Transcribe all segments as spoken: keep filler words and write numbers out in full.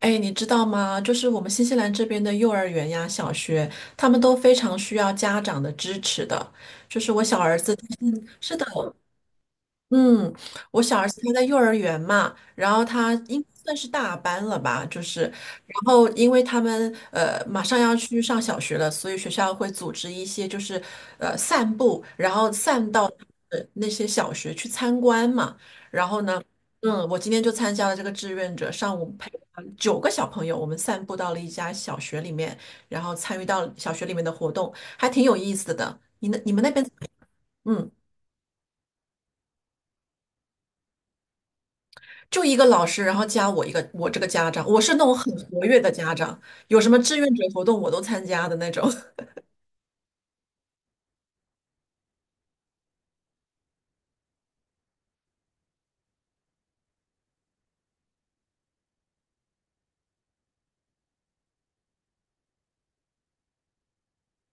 哎，你知道吗？就是我们新西兰这边的幼儿园呀、小学，他们都非常需要家长的支持的。就是我小儿子，是的。嗯，我小儿子他在幼儿园嘛，然后他应该算是大班了吧，就是，然后因为他们呃马上要去上小学了，所以学校会组织一些就是呃散步，然后散到呃那些小学去参观嘛。然后呢，嗯，我今天就参加了这个志愿者，上午陪了九个小朋友，我们散步到了一家小学里面，然后参与到小学里面的活动，还挺有意思的。你那你们那边嗯。就一个老师，然后加我一个我这个家长，我是那种很活跃的家长，有什么志愿者活动我都参加的那种。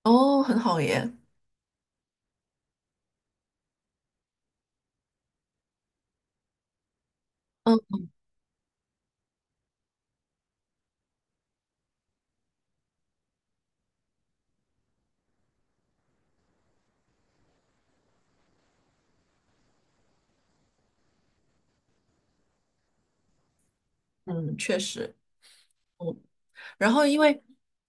哦，很好耶。嗯嗯，确实。嗯，然后因为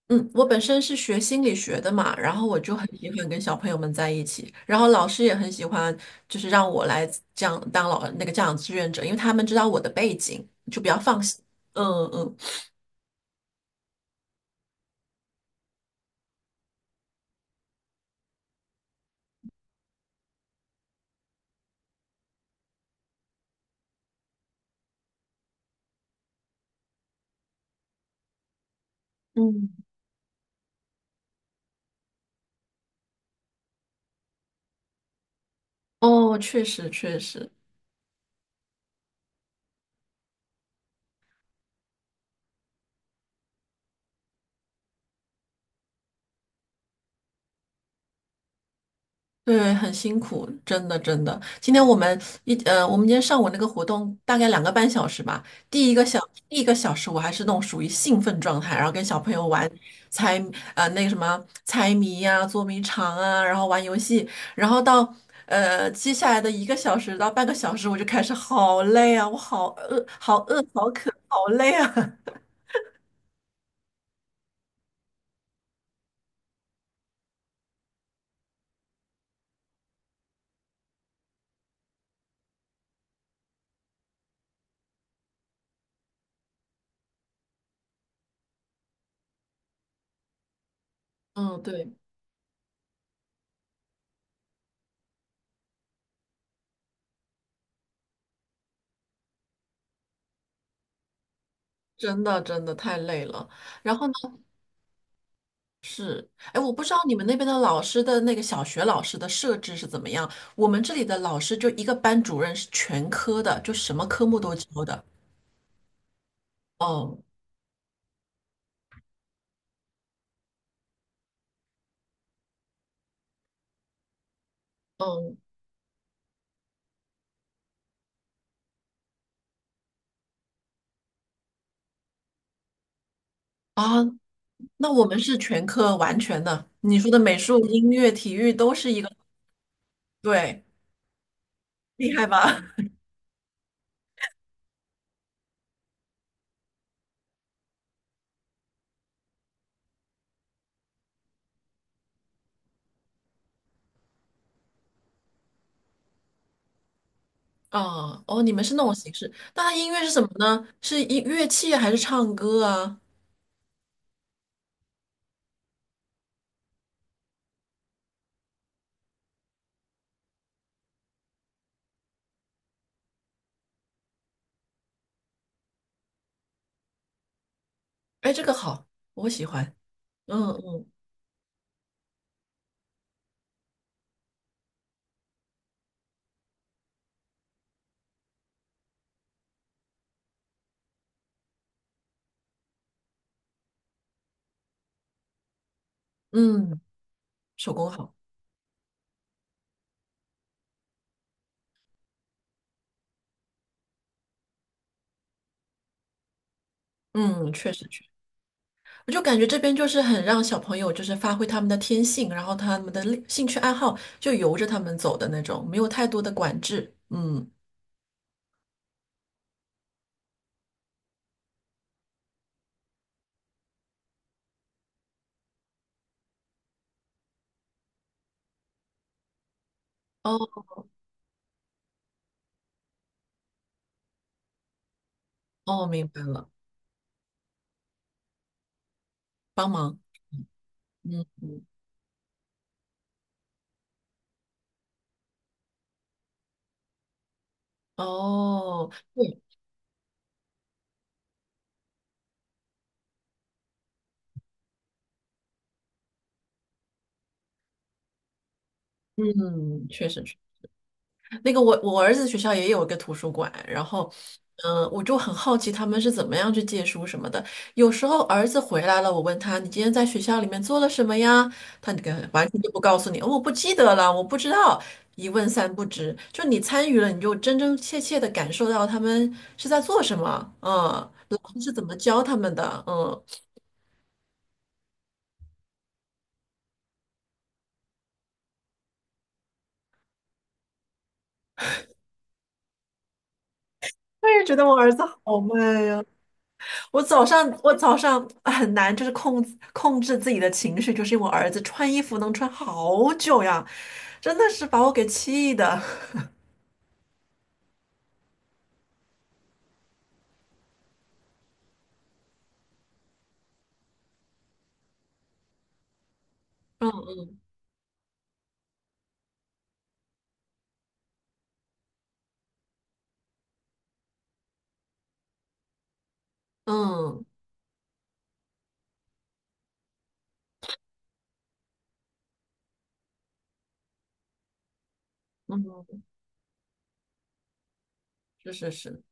嗯，我本身是学心理学的嘛，然后我就很喜欢跟小朋友们在一起，然后老师也很喜欢，就是让我来这样当老那个家长志愿者，因为他们知道我的背景，就比较放心。嗯嗯嗯，哦，确实确实。对，很辛苦，真的真的。今天我们一呃，我们今天上午那个活动大概两个半小时吧。第一个小第一个小时我还是那种属于兴奋状态，然后跟小朋友玩猜呃那个什么猜谜呀、捉迷藏啊，然后玩游戏。然后到呃接下来的一个小时到半个小时，我就开始好累啊，我好饿，好饿，好渴，好累啊。嗯，对，真的真的太累了。然后呢？哎，我不知道你们那边的老师的那个小学老师的设置是怎么样。我们这里的老师就一个班主任是全科的，就什么科目都教的。哦，嗯啊，那我们是全科完全的。你说的美术、音乐、体育都是一个，对，厉害吧？啊哦，你们是那种形式。那它音乐是什么呢？是音乐器还是唱歌啊？哎，这个好，我喜欢。嗯嗯嗯，手工好。嗯，确实。我就感觉这边就是很让小朋友就是发挥他们的天性，然后他们的兴兴趣爱好就由着他们走的那种，没有太多的管制。嗯，哦哦，明白了，帮忙。嗯嗯，哦，对，嗯，确实。那个我我儿子学校也有一个图书馆，然后，嗯、我就很好奇他们是怎么样去借书什么的。有时候儿子回来了，我问他你今天在学校里面做了什么呀？他那个完全就不告诉你，哦我不记得了，我不知道，一问三不知。就你参与了，你就真真切切的感受到他们是在做什么，嗯，老师是怎么教他们的。嗯，我也觉得我儿子好慢呀。我早上我早上哎很难，就是控制控制自己的情绪，就是因为我儿子穿衣服能穿好久呀，真的是把我给气的。嗯嗯嗯，是是是。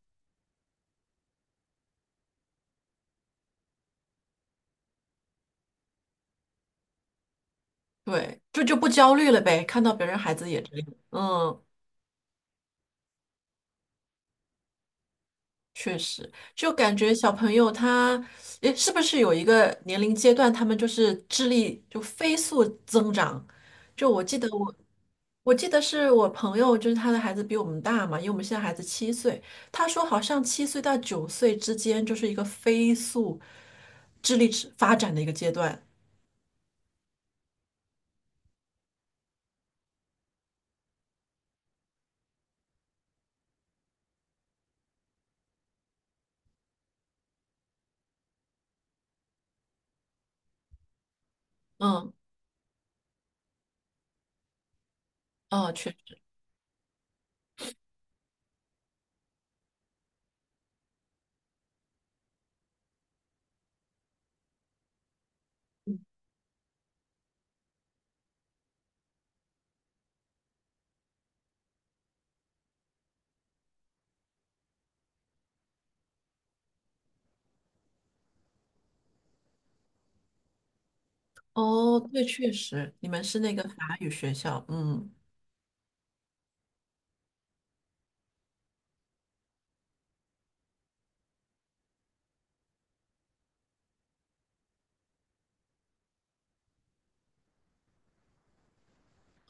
对，就就不焦虑了呗，看到别人孩子也这样。嗯，确实，就感觉小朋友他，诶，是不是有一个年龄阶段，他们就是智力就飞速增长？就我记得我，我记得是我朋友，就是他的孩子比我们大嘛，因为我们现在孩子七岁。他说好像七岁到九岁之间就是一个飞速智力之发展的一个阶段。嗯，哦，确实。哦，对，确实，你们是那个法语学校。嗯，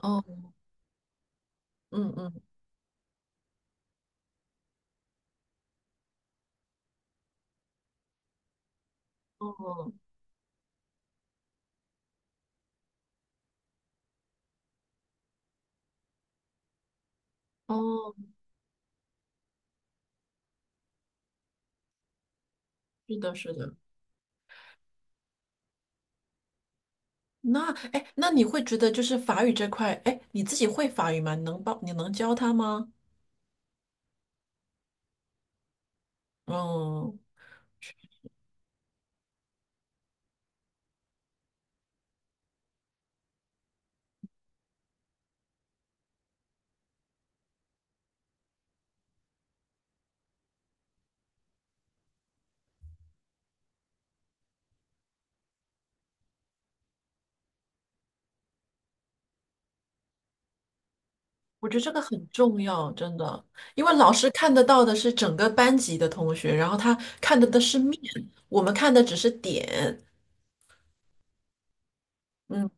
哦，嗯嗯，哦哦，是的，是的。那哎，那你会觉得就是法语这块，哎，你自己会法语吗？你能帮你能教他吗？嗯，我觉得这个很重要，真的，因为老师看得到的是整个班级的同学，然后他看的的是面，我们看的只是点。嗯，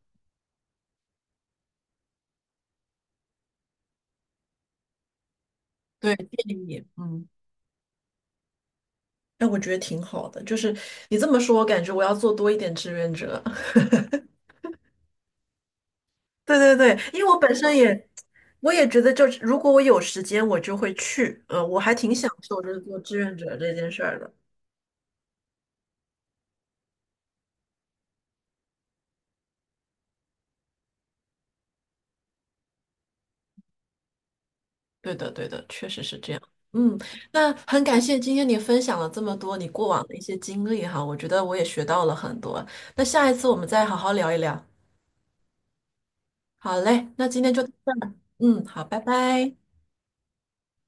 对，建议。嗯，哎，我觉得挺好的，就是你这么说，我感觉我要做多一点志愿者。对对对，因为我本身也，我也觉得就是如果我有时间，我就会去。嗯，我还挺享受就是做志愿者这件事儿的。对的，对的，确实是这样。嗯，那很感谢今天你分享了这么多你过往的一些经历哈，我觉得我也学到了很多。那下一次我们再好好聊一聊。好嘞，那今天就，嗯，好，拜拜。